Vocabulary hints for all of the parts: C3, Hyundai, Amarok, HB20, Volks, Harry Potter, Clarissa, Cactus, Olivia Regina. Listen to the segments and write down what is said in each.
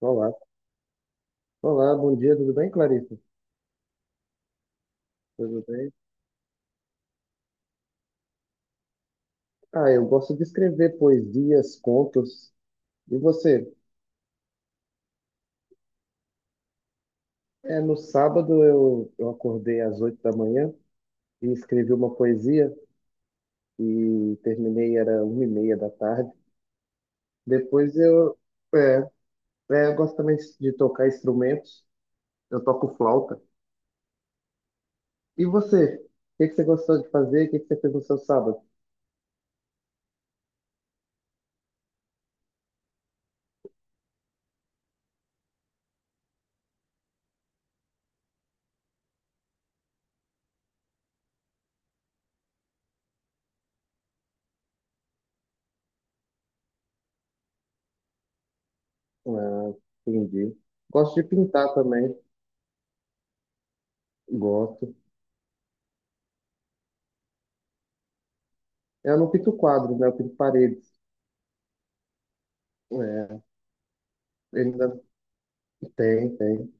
Olá, olá, bom dia, tudo bem, Clarissa? Tudo bem? Ah, eu gosto de escrever poesias, contos. E você? É, no sábado eu acordei às 8 da manhã e escrevi uma poesia e terminei, era 1:30 da tarde. Depois eu, é, é, eu gosto também de tocar instrumentos, eu toco flauta. E você? O que que você gostou de fazer? O que que você fez no seu sábado? Ah, entendi. Gosto de pintar também, gosto. Eu não pinto quadros, né? Eu pinto paredes. É, ainda tem, tem.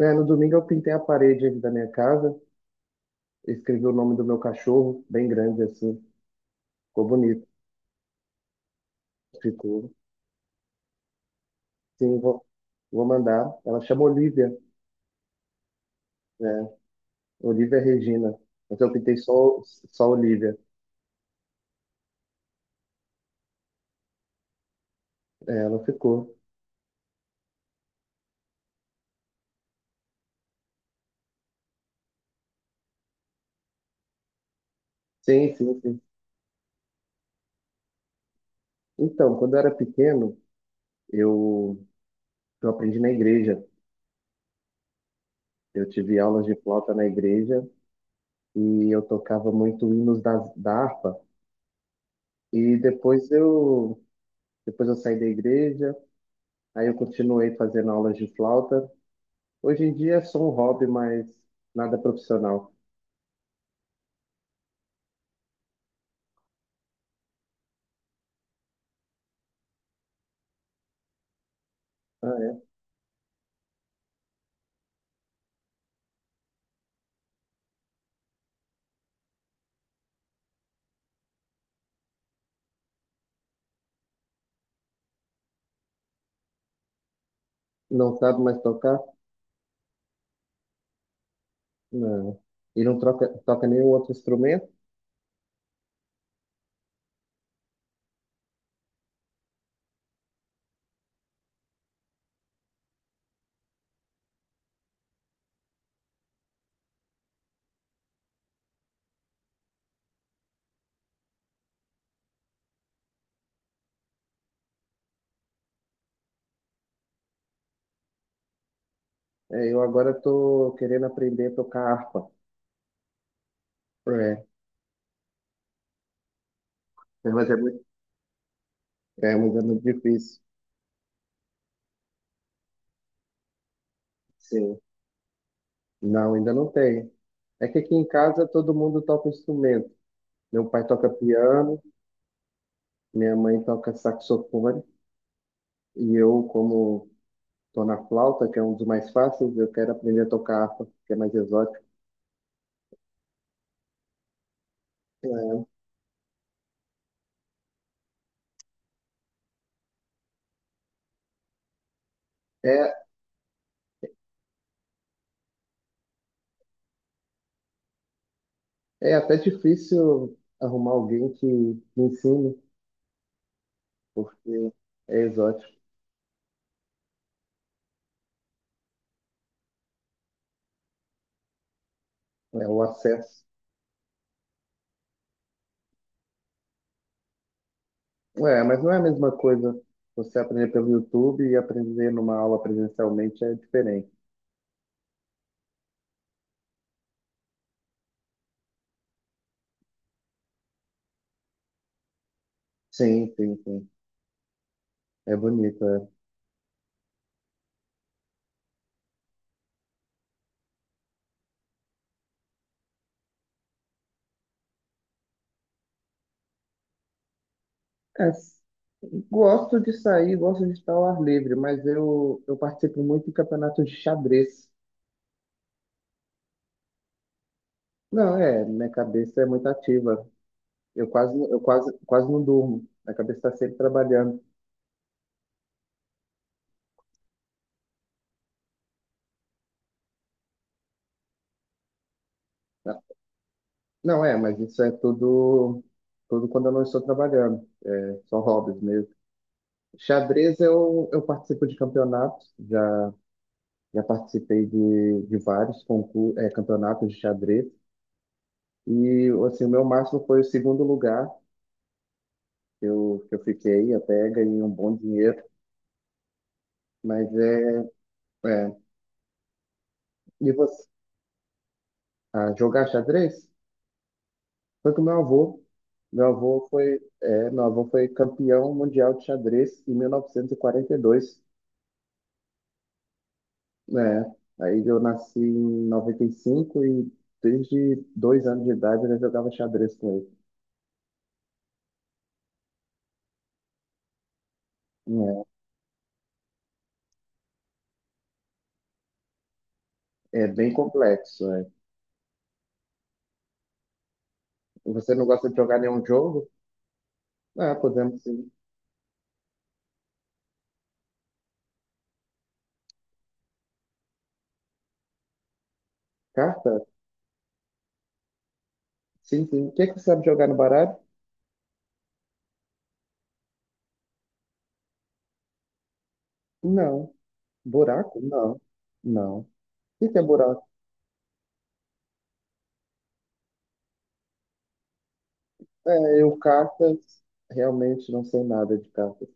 É, no domingo eu pintei a parede aqui da minha casa, escrevi o nome do meu cachorro, bem grande assim, ficou bonito, ficou. Sim, vou mandar. Ela chama Olivia, né? Olivia Regina, mas eu pintei só Olivia. É, ela ficou. Sim, sim, sim. Então, quando eu era pequeno, eu, eu aprendi na igreja. Eu tive aulas de flauta na igreja e eu tocava muito hinos da harpa. E depois eu, depois eu saí da igreja. Aí eu continuei fazendo aulas de flauta. Hoje em dia é só um hobby, mas nada profissional. Ah, é? Não sabe mais tocar? Não. E não toca nenhum outro instrumento? É, eu agora estou querendo aprender a tocar harpa. É, mas é muito, mas é muito difícil. Sim. Não, ainda não tem. É que aqui em casa todo mundo toca instrumento. Meu pai toca piano, minha mãe toca saxofone, e eu, como estou na flauta, que é um dos mais fáceis, eu quero aprender a tocar harpa, que é mais exótico. É, é até difícil arrumar alguém que me ensine, porque é exótico, é o acesso. É, mas não é a mesma coisa você aprender pelo YouTube e aprender numa aula presencialmente é diferente. Sim, sim, sim. É bonito, é. É, gosto de sair, gosto de estar ao ar livre, mas eu participo muito de campeonatos de xadrez. Não, é, minha cabeça é muito ativa. Quase não durmo. Minha cabeça está sempre trabalhando. Não, é, mas isso é tudo quando eu não estou trabalhando. É, são hobbies mesmo. Xadrez eu participo de campeonatos, já participei de vários concursos, campeonatos de xadrez. E assim, o meu máximo foi o segundo lugar que eu fiquei, até ganhei um bom dinheiro. Mas é, é, e você, ah, jogar xadrez? Foi com meu avô. Meu avô foi campeão mundial de xadrez em 1942. É, aí eu nasci em 95 e cinco e desde 2 anos de idade eu já jogava xadrez com ele. É, é bem complexo, é. Você não gosta de jogar nenhum jogo? Ah, podemos sim. Carta? Sim, sim. O que que você sabe jogar no baralho? Não. Buraco? Não. Não. O que que é buraco? É, eu cartas, realmente não sei nada de cartas.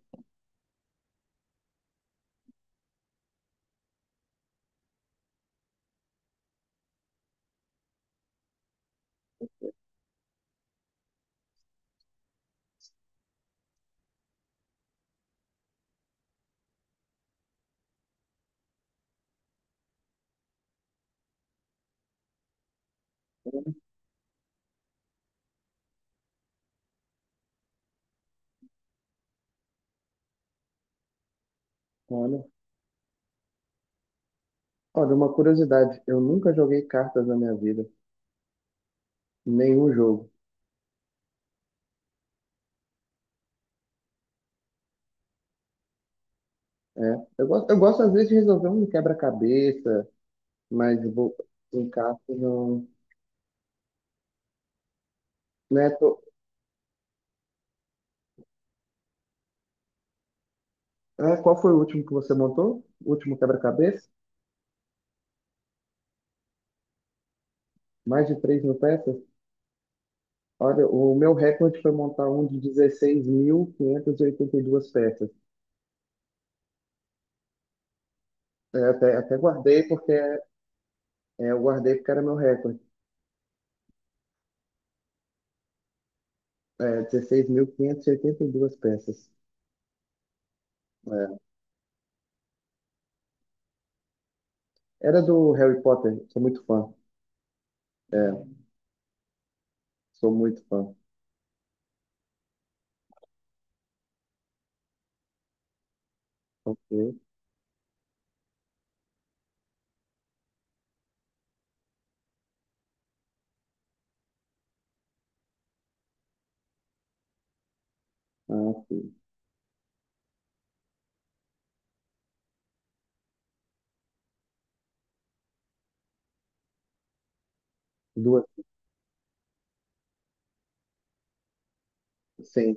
Olha, olha, uma curiosidade, eu nunca joguei cartas na minha vida, nenhum jogo. É, eu gosto às vezes de resolver um quebra-cabeça, mas vou, encaixe não. Né, tô- qual foi o último que você montou? O último quebra-cabeça? Mais de 3.000 peças? Olha, o meu recorde foi montar um de 16.582 peças. É, até guardei porque é, é, eu guardei porque era meu recorde. É, 16.582 peças. É. Era do Harry Potter, sou muito fã. É, sou muito fã. Ok. Ah, sim. Duas. Sim.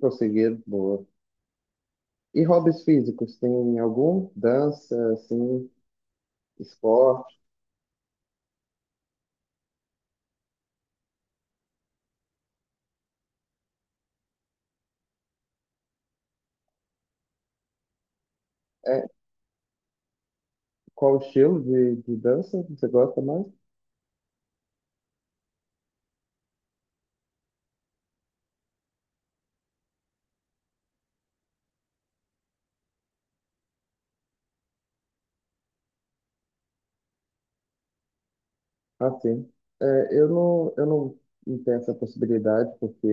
Conseguiram, boa. E hobbies físicos, tem algum? Dança, assim, esporte? É, qual o estilo de dança você gosta mais? Ah, sim. É, eu não tenho essa possibilidade, porque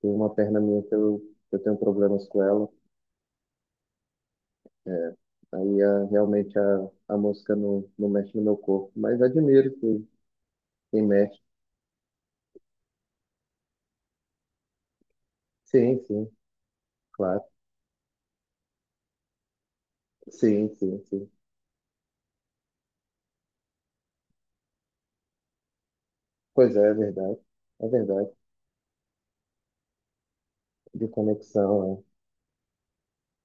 tem uma perna minha que eu tenho problemas com ela. É, aí realmente a música não mexe no meu corpo, mas admiro quem mexe. Sim, sim, claro. Sim, sim, sim. Pois é, é verdade. É verdade. De conexão, é.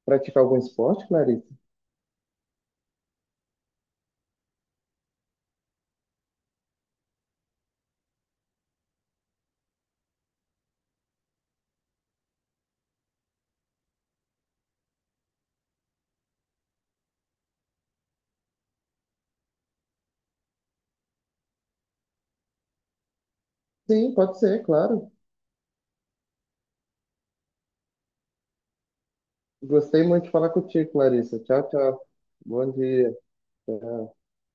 Praticar algum esporte, Clarissa? Sim, pode ser, claro. Gostei muito de falar contigo, Clarissa. Tchau, tchau. Bom dia. Tchau.